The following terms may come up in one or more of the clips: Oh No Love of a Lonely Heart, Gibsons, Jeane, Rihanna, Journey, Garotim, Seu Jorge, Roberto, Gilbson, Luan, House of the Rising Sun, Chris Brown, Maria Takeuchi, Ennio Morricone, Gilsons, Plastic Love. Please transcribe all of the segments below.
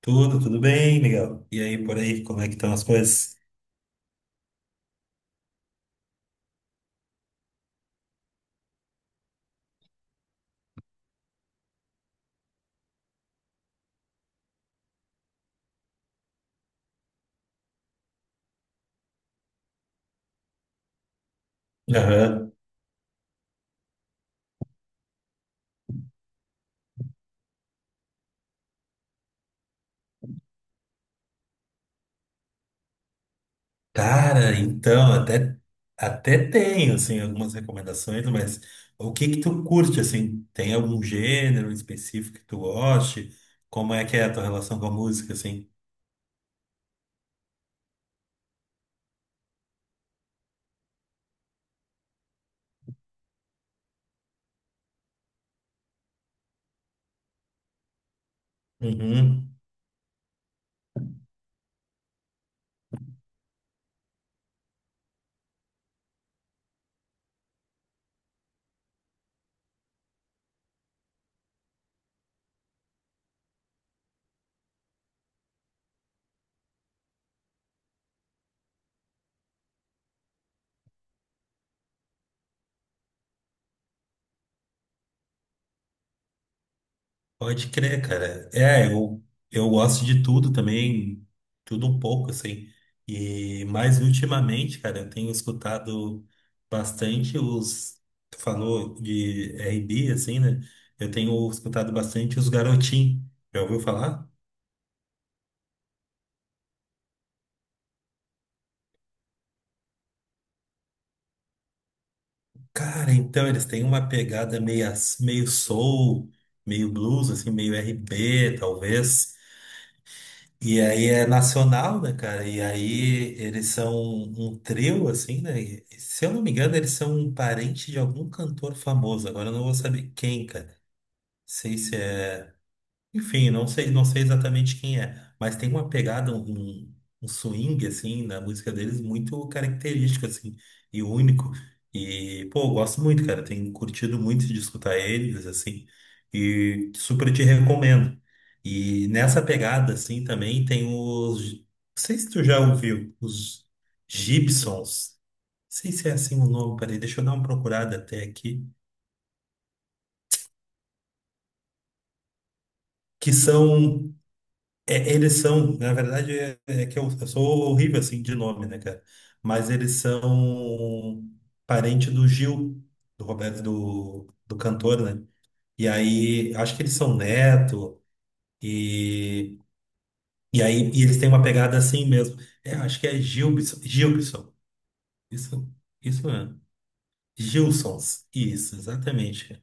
Tudo, tudo bem, Miguel? E aí, por aí, como é que estão as coisas? Aham. Cara, então, até tenho, assim, algumas recomendações, mas o que que tu curte, assim? Tem algum gênero específico que tu goste? Como é que é a tua relação com a música, assim? Uhum. Pode crer, cara. É, eu gosto de tudo também, tudo um pouco, assim. E mais ultimamente, cara, eu tenho escutado bastante os. Tu falou de R&B, assim, né? Eu tenho escutado bastante os Garotim. Já ouviu falar? Cara, então eles têm uma pegada meio, meio soul, meio blues, assim, meio R&B, talvez. E aí é nacional, né, cara? E aí eles são um trio, assim, né? E, se eu não me engano, eles são um parente de algum cantor famoso. Agora eu não vou saber quem, cara. Não sei se é. Enfim, não sei exatamente quem é, mas tem uma pegada, um swing, assim, na música deles muito característico, assim, e único. E, pô, eu gosto muito, cara. Tenho curtido muito de escutar eles, assim, e super te recomendo. E nessa pegada, assim, também tem os. Não sei se tu já ouviu, os Gibsons. Não sei se é assim o nome, peraí, deixa eu dar uma procurada até aqui. Que são É, eles são, na verdade, é que eu sou horrível assim de nome, né, cara? Mas eles são parente do Gil, do Roberto, do cantor, né? E aí, acho que eles são neto, e, e aí, eles têm uma pegada assim mesmo. É, acho que é Gilbson, Gilbson, isso, isso mesmo. Gilsons, isso, exatamente, cara.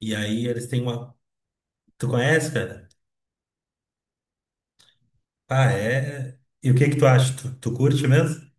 E aí eles têm uma. Tu conhece, cara? Ah, é. E o que que tu acha? Tu curte mesmo?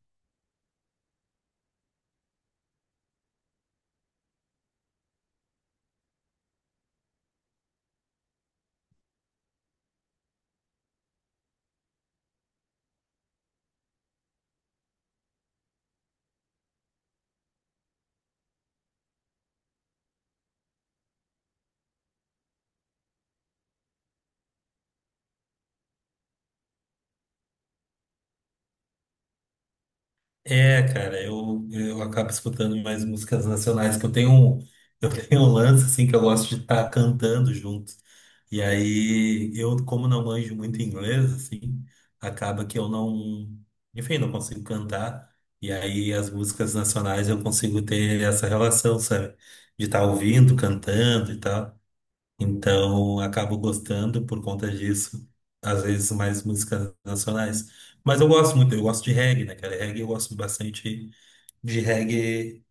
É, cara, eu acabo escutando mais músicas nacionais, que eu tenho eu tenho um lance, assim, que eu gosto de estar cantando junto. E aí, eu, como não manjo muito inglês, assim, acaba que eu não, enfim, não consigo cantar. E aí, as músicas nacionais eu consigo ter essa relação, sabe? De estar ouvindo, cantando e tal. Então, acabo gostando por conta disso, às vezes mais músicas nacionais. Mas eu gosto muito, eu gosto de reggae, né, cara? Reggae eu gosto bastante de reggae,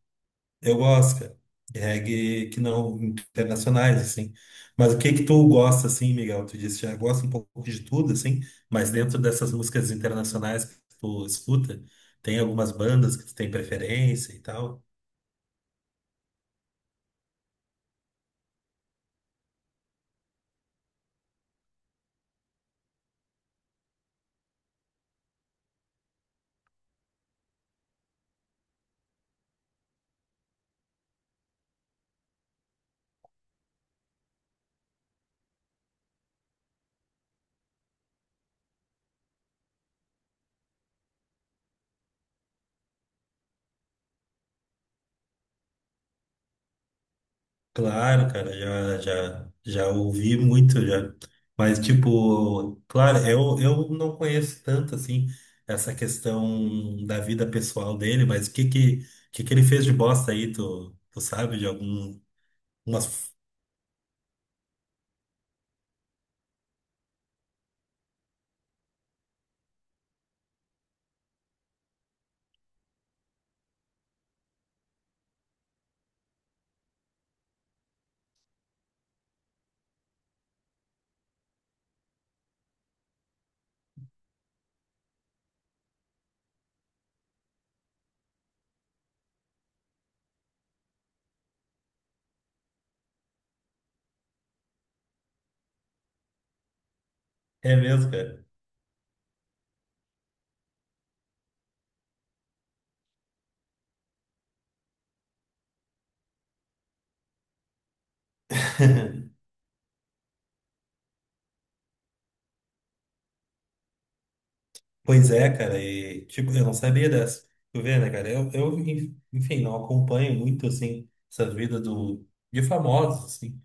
eu gosto, cara. De reggae que não internacionais, assim. Mas o que que tu gosta, assim, Miguel? Tu disse que já gosta um pouco de tudo, assim, mas dentro dessas músicas internacionais que tu escuta, tem algumas bandas que tu tem preferência e tal? Claro, cara, já ouvi muito já. Mas, tipo, claro, eu não conheço tanto, assim, essa questão da vida pessoal dele, mas o que que ele fez de bosta aí, tu sabe, de algum... Umas... É mesmo, cara. Pois é, cara, e, tipo, eu não sabia dessa. Tu vê, né, cara, enfim, não acompanho muito, assim, essa vida de famosos, assim.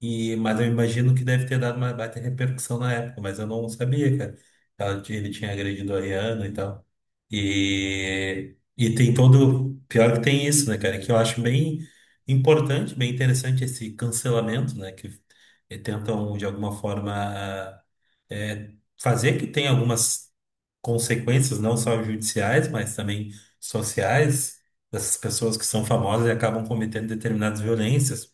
E, mas eu imagino que deve ter dado uma baita repercussão na época, mas eu não sabia, cara. Ele tinha agredido a Rihanna e tal. E tem todo. Pior que tem isso, né, cara? É que eu acho bem importante, bem interessante esse cancelamento, né? Que tentam, de alguma forma, eh, fazer que tenha algumas consequências, não só judiciais, mas também sociais, dessas pessoas que são famosas e acabam cometendo determinadas violências,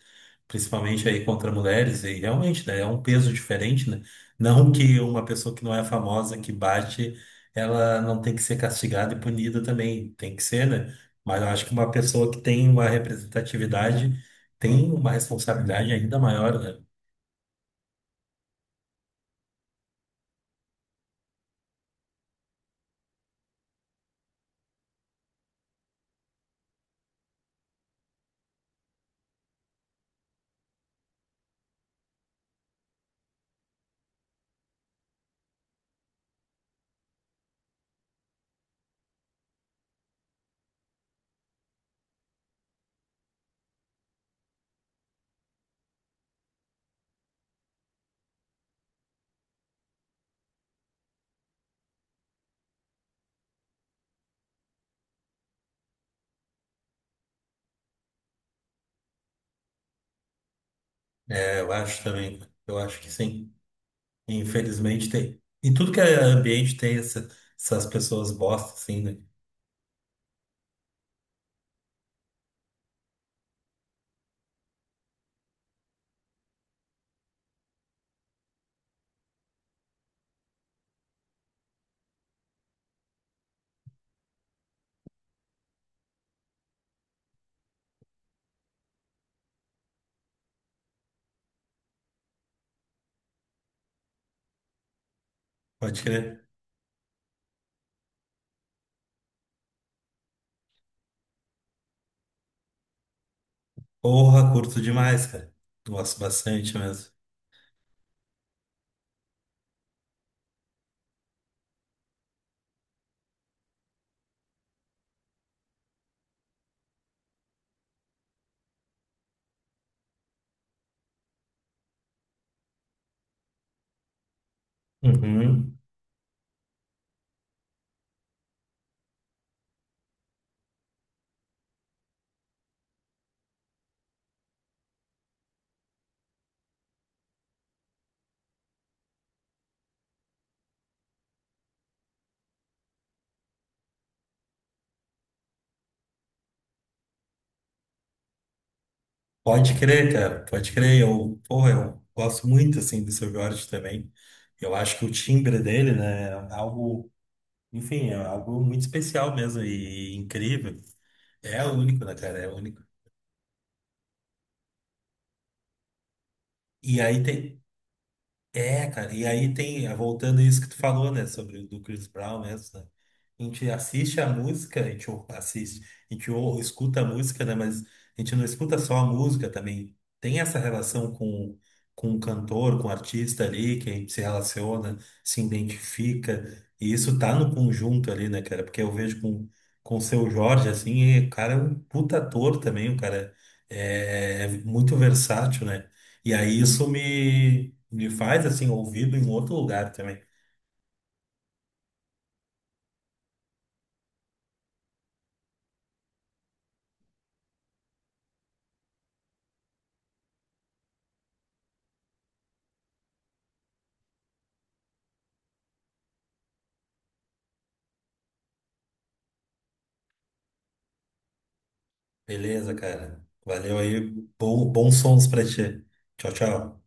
principalmente aí contra mulheres. E realmente, né? É um peso diferente, né? Não que uma pessoa que não é famosa, que bate ela não tem que ser castigada e punida também, tem que ser, né? Mas eu acho que uma pessoa que tem uma representatividade tem uma responsabilidade ainda maior, né? É, eu acho também, eu acho que sim. Infelizmente tem. Em tudo que é ambiente tem essas pessoas bosta, assim, né? Pode crer. Porra, curto demais, cara. Gosto bastante mesmo. Uhum. Pode crer, cara, pode crer. Eu, porra, eu gosto muito, assim, do Seu Jorge também. Eu acho que o timbre dele, né, é algo enfim, é algo muito especial mesmo e incrível. É único, né, cara? É único. E aí tem, É, cara, voltando a isso que tu falou, né, sobre o do Chris Brown mesmo, né? A gente assiste a música, a gente assiste, a gente escuta a música, né, mas a gente não escuta só a música também. Tem essa relação com o cantor, com o artista ali, que a gente se relaciona, se identifica, e isso tá no conjunto ali, né, cara? Porque eu vejo com o Seu Jorge, assim, e o cara é um puta ator também, o cara é muito versátil, né? E aí isso me faz, assim, ouvido em outro lugar também. Beleza, cara. Valeu aí. Bom, bons sons pra ti. Tchau, tchau.